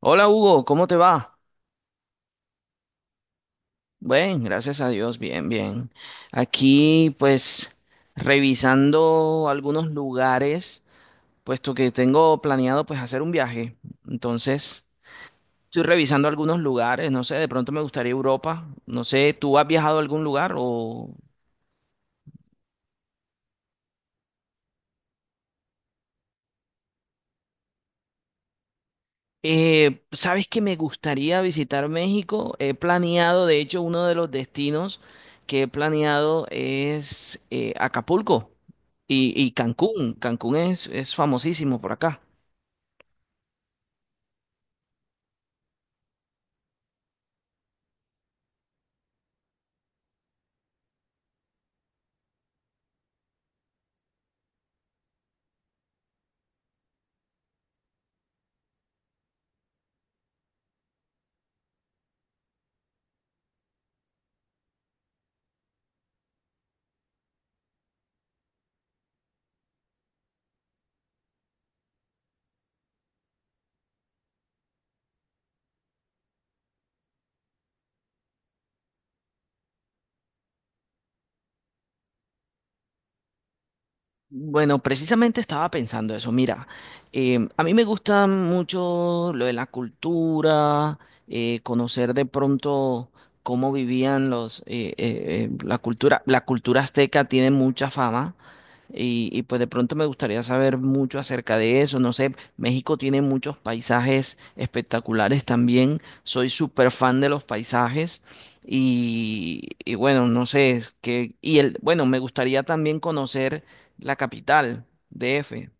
Hola Hugo, ¿cómo te va? Bien, gracias a Dios, bien, bien. Aquí pues revisando algunos lugares, puesto que tengo planeado pues hacer un viaje. Entonces, estoy revisando algunos lugares, no sé, de pronto me gustaría Europa. No sé, ¿tú has viajado a algún lugar o? Sabes que me gustaría visitar México. He planeado, de hecho, uno de los destinos que he planeado es Acapulco y Cancún. Cancún es famosísimo por acá. Bueno, precisamente estaba pensando eso. Mira, a mí me gusta mucho lo de la cultura, conocer de pronto cómo vivían la cultura. La cultura azteca tiene mucha fama. Pues de pronto me gustaría saber mucho acerca de eso. No sé, México tiene muchos paisajes espectaculares también. Soy súper fan de los paisajes. Y bueno, no sé, es que, y el, bueno, me gustaría también conocer la capital, DF.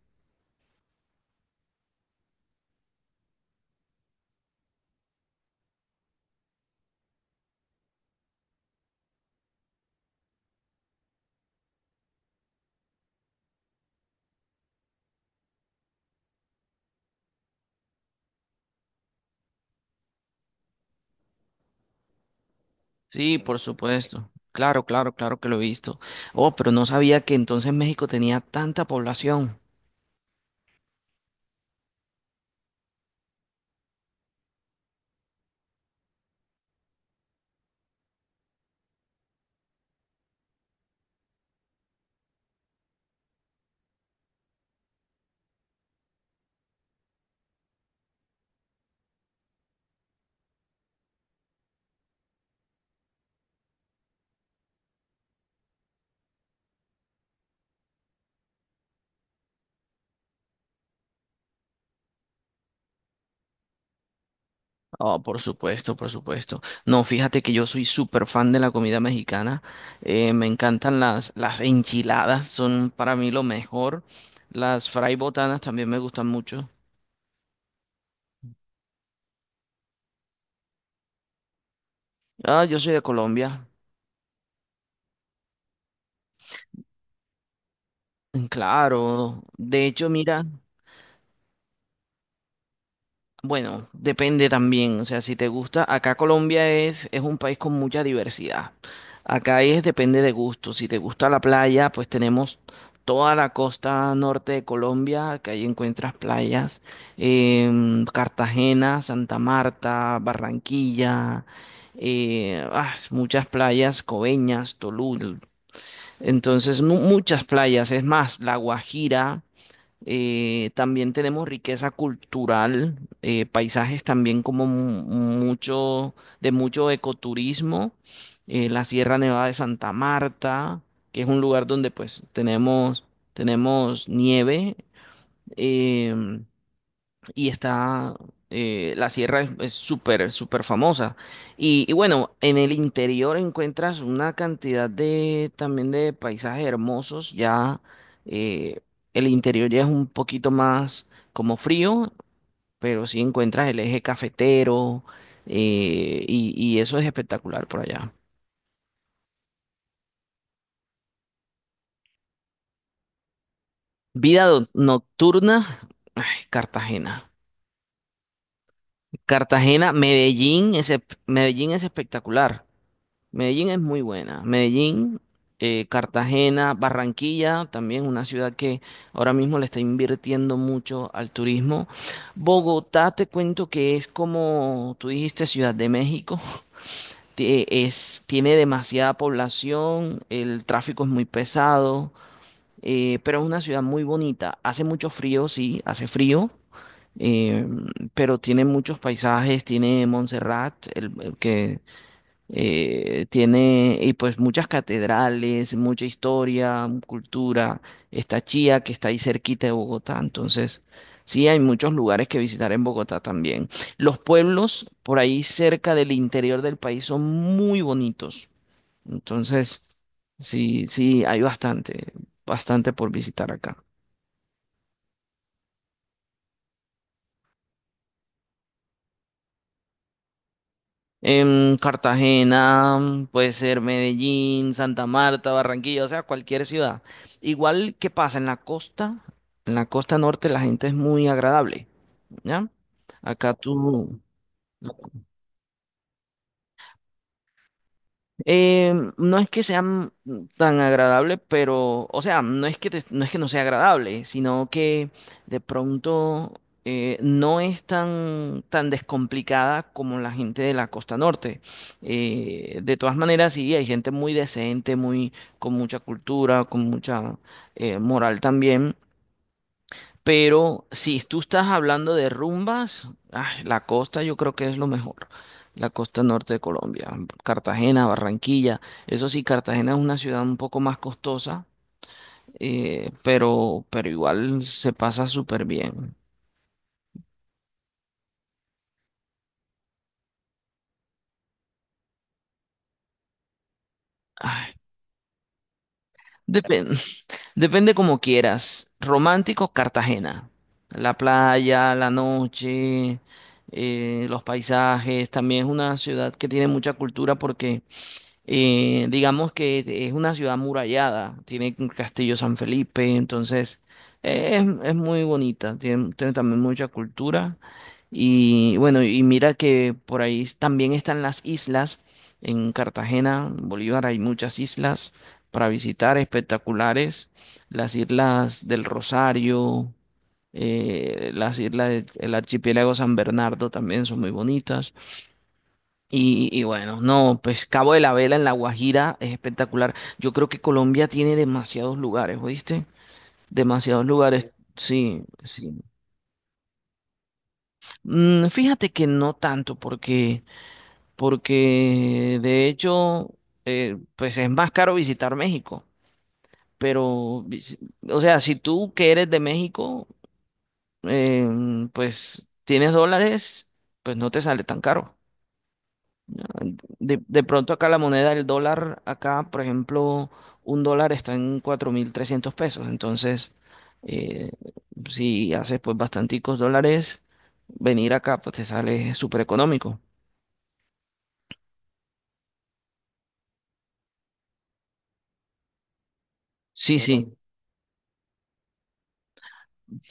Sí, por supuesto. Claro, claro, claro que lo he visto. Oh, pero no sabía que entonces México tenía tanta población. Oh, por supuesto, por supuesto. No, fíjate que yo soy súper fan de la comida mexicana. Me encantan las enchiladas, son para mí lo mejor. Las fray botanas también me gustan mucho. Ah, yo soy de Colombia. Claro. De hecho, mira. Bueno, depende también, o sea, si te gusta, acá Colombia es un país con mucha diversidad. Acá es depende de gusto. Si te gusta la playa, pues tenemos toda la costa norte de Colombia, que ahí encuentras playas, Cartagena, Santa Marta, Barranquilla, muchas playas, Coveñas, Tolú, entonces muchas playas, es más, La Guajira. También tenemos riqueza cultural, paisajes también como mucho, de mucho ecoturismo, la Sierra Nevada de Santa Marta, que es un lugar donde pues tenemos nieve, em, y está la sierra es súper súper famosa y bueno, en el interior encuentras una cantidad de también de paisajes hermosos ya. eh, el interior ya es un poquito más como frío, pero sí encuentras el eje cafetero. Y eso es espectacular por allá. Vida nocturna. Ay, Cartagena Cartagena, Medellín. Ese Medellín es espectacular. Medellín es muy buena. Medellín, Cartagena, Barranquilla, también una ciudad que ahora mismo le está invirtiendo mucho al turismo. Bogotá, te cuento que es como tú dijiste, Ciudad de México. Tiene demasiada población, el tráfico es muy pesado, pero es una ciudad muy bonita. Hace mucho frío, sí, hace frío. eh, pero tiene muchos paisajes, tiene Montserrat, el que tiene y pues muchas catedrales, mucha historia, cultura. Está Chía, que está ahí cerquita de Bogotá. Entonces, sí, hay muchos lugares que visitar en Bogotá también. Los pueblos por ahí cerca del interior del país son muy bonitos. Entonces, sí, sí, hay bastante, bastante por visitar acá. Cartagena, puede ser Medellín, Santa Marta, Barranquilla, o sea, cualquier ciudad. Igual, ¿qué pasa? En la costa norte la gente es muy agradable, ¿ya? Acá tú, no es que sean tan agradables, pero, o sea, no es que no sea agradable, sino que de pronto no es tan, tan descomplicada como la gente de la costa norte. De todas maneras, sí, hay gente muy decente, muy, con mucha cultura, con mucha moral también. Pero si tú estás hablando de rumbas, ay, la costa yo creo que es lo mejor. La costa norte de Colombia, Cartagena, Barranquilla. Eso sí, Cartagena es una ciudad un poco más costosa, pero igual se pasa súper bien. Ay, depende, depende como quieras. Romántico, Cartagena. La playa, la noche, los paisajes. También es una ciudad que tiene mucha cultura porque, digamos que es una ciudad murallada, tiene un castillo San Felipe. Entonces, es muy bonita, tiene también mucha cultura. Y bueno, y mira que por ahí también están las islas, en Cartagena, en Bolívar hay muchas islas para visitar, espectaculares, las islas del Rosario, las islas del archipiélago San Bernardo también son muy bonitas. Y bueno, no, pues Cabo de la Vela en La Guajira es espectacular. Yo creo que Colombia tiene demasiados lugares, ¿oíste? Demasiados lugares, sí, sí. Mm, fíjate que no tanto, porque de hecho, pues es más caro visitar México. Pero, o sea, si tú que eres de México, eh, pues tienes dólares, pues no te sale tan caro. De pronto acá la moneda, el dólar, acá, por ejemplo, un dólar está en 4.300 pesos. Entonces, eh, si haces pues bastanticos dólares, venir acá pues te sale súper económico. Sí, sí.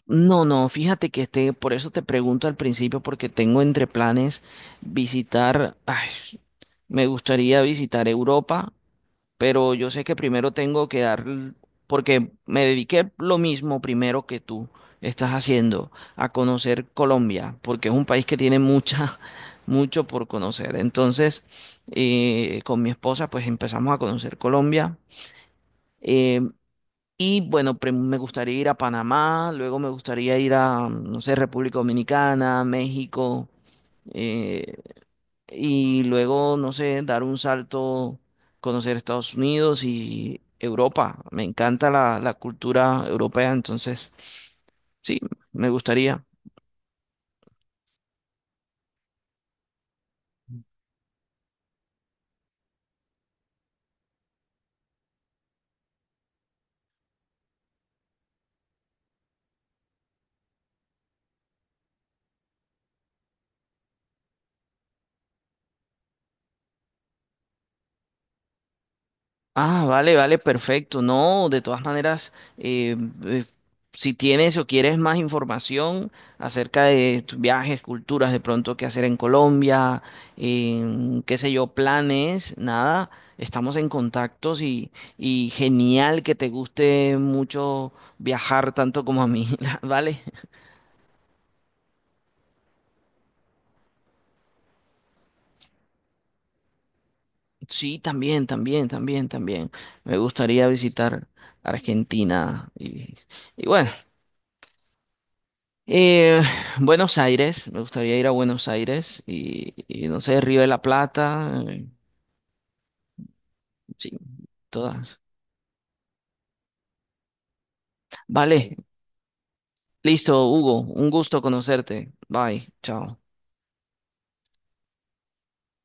No, no, fíjate que este, por eso te pregunto al principio, porque tengo entre planes visitar, ay, me gustaría visitar Europa, pero yo sé que primero tengo que dar, porque me dediqué lo mismo primero que tú estás haciendo, a conocer Colombia, porque es un país que tiene mucha, mucho por conocer. Entonces, con mi esposa, pues empezamos a conocer Colombia. eh, y bueno, me gustaría ir a Panamá, luego me gustaría ir a, no sé, República Dominicana, México. eh, y luego, no sé, dar un salto, conocer Estados Unidos y Europa. Me encanta la cultura europea, entonces sí, me gustaría. Ah, vale, vale, perfecto. No, de todas maneras, eh, si tienes o quieres más información acerca de tus viajes, culturas, de pronto qué hacer en Colombia, en, qué sé yo, planes, nada, estamos en contactos y genial que te guste mucho viajar tanto como a mí, ¿vale? Sí, también, también, también, también. Me gustaría visitar Argentina y bueno. Eh, Buenos Aires, me gustaría ir a Buenos Aires y no sé, Río de la Plata, sí, todas. Vale, listo, Hugo, un gusto conocerte. Bye, chao.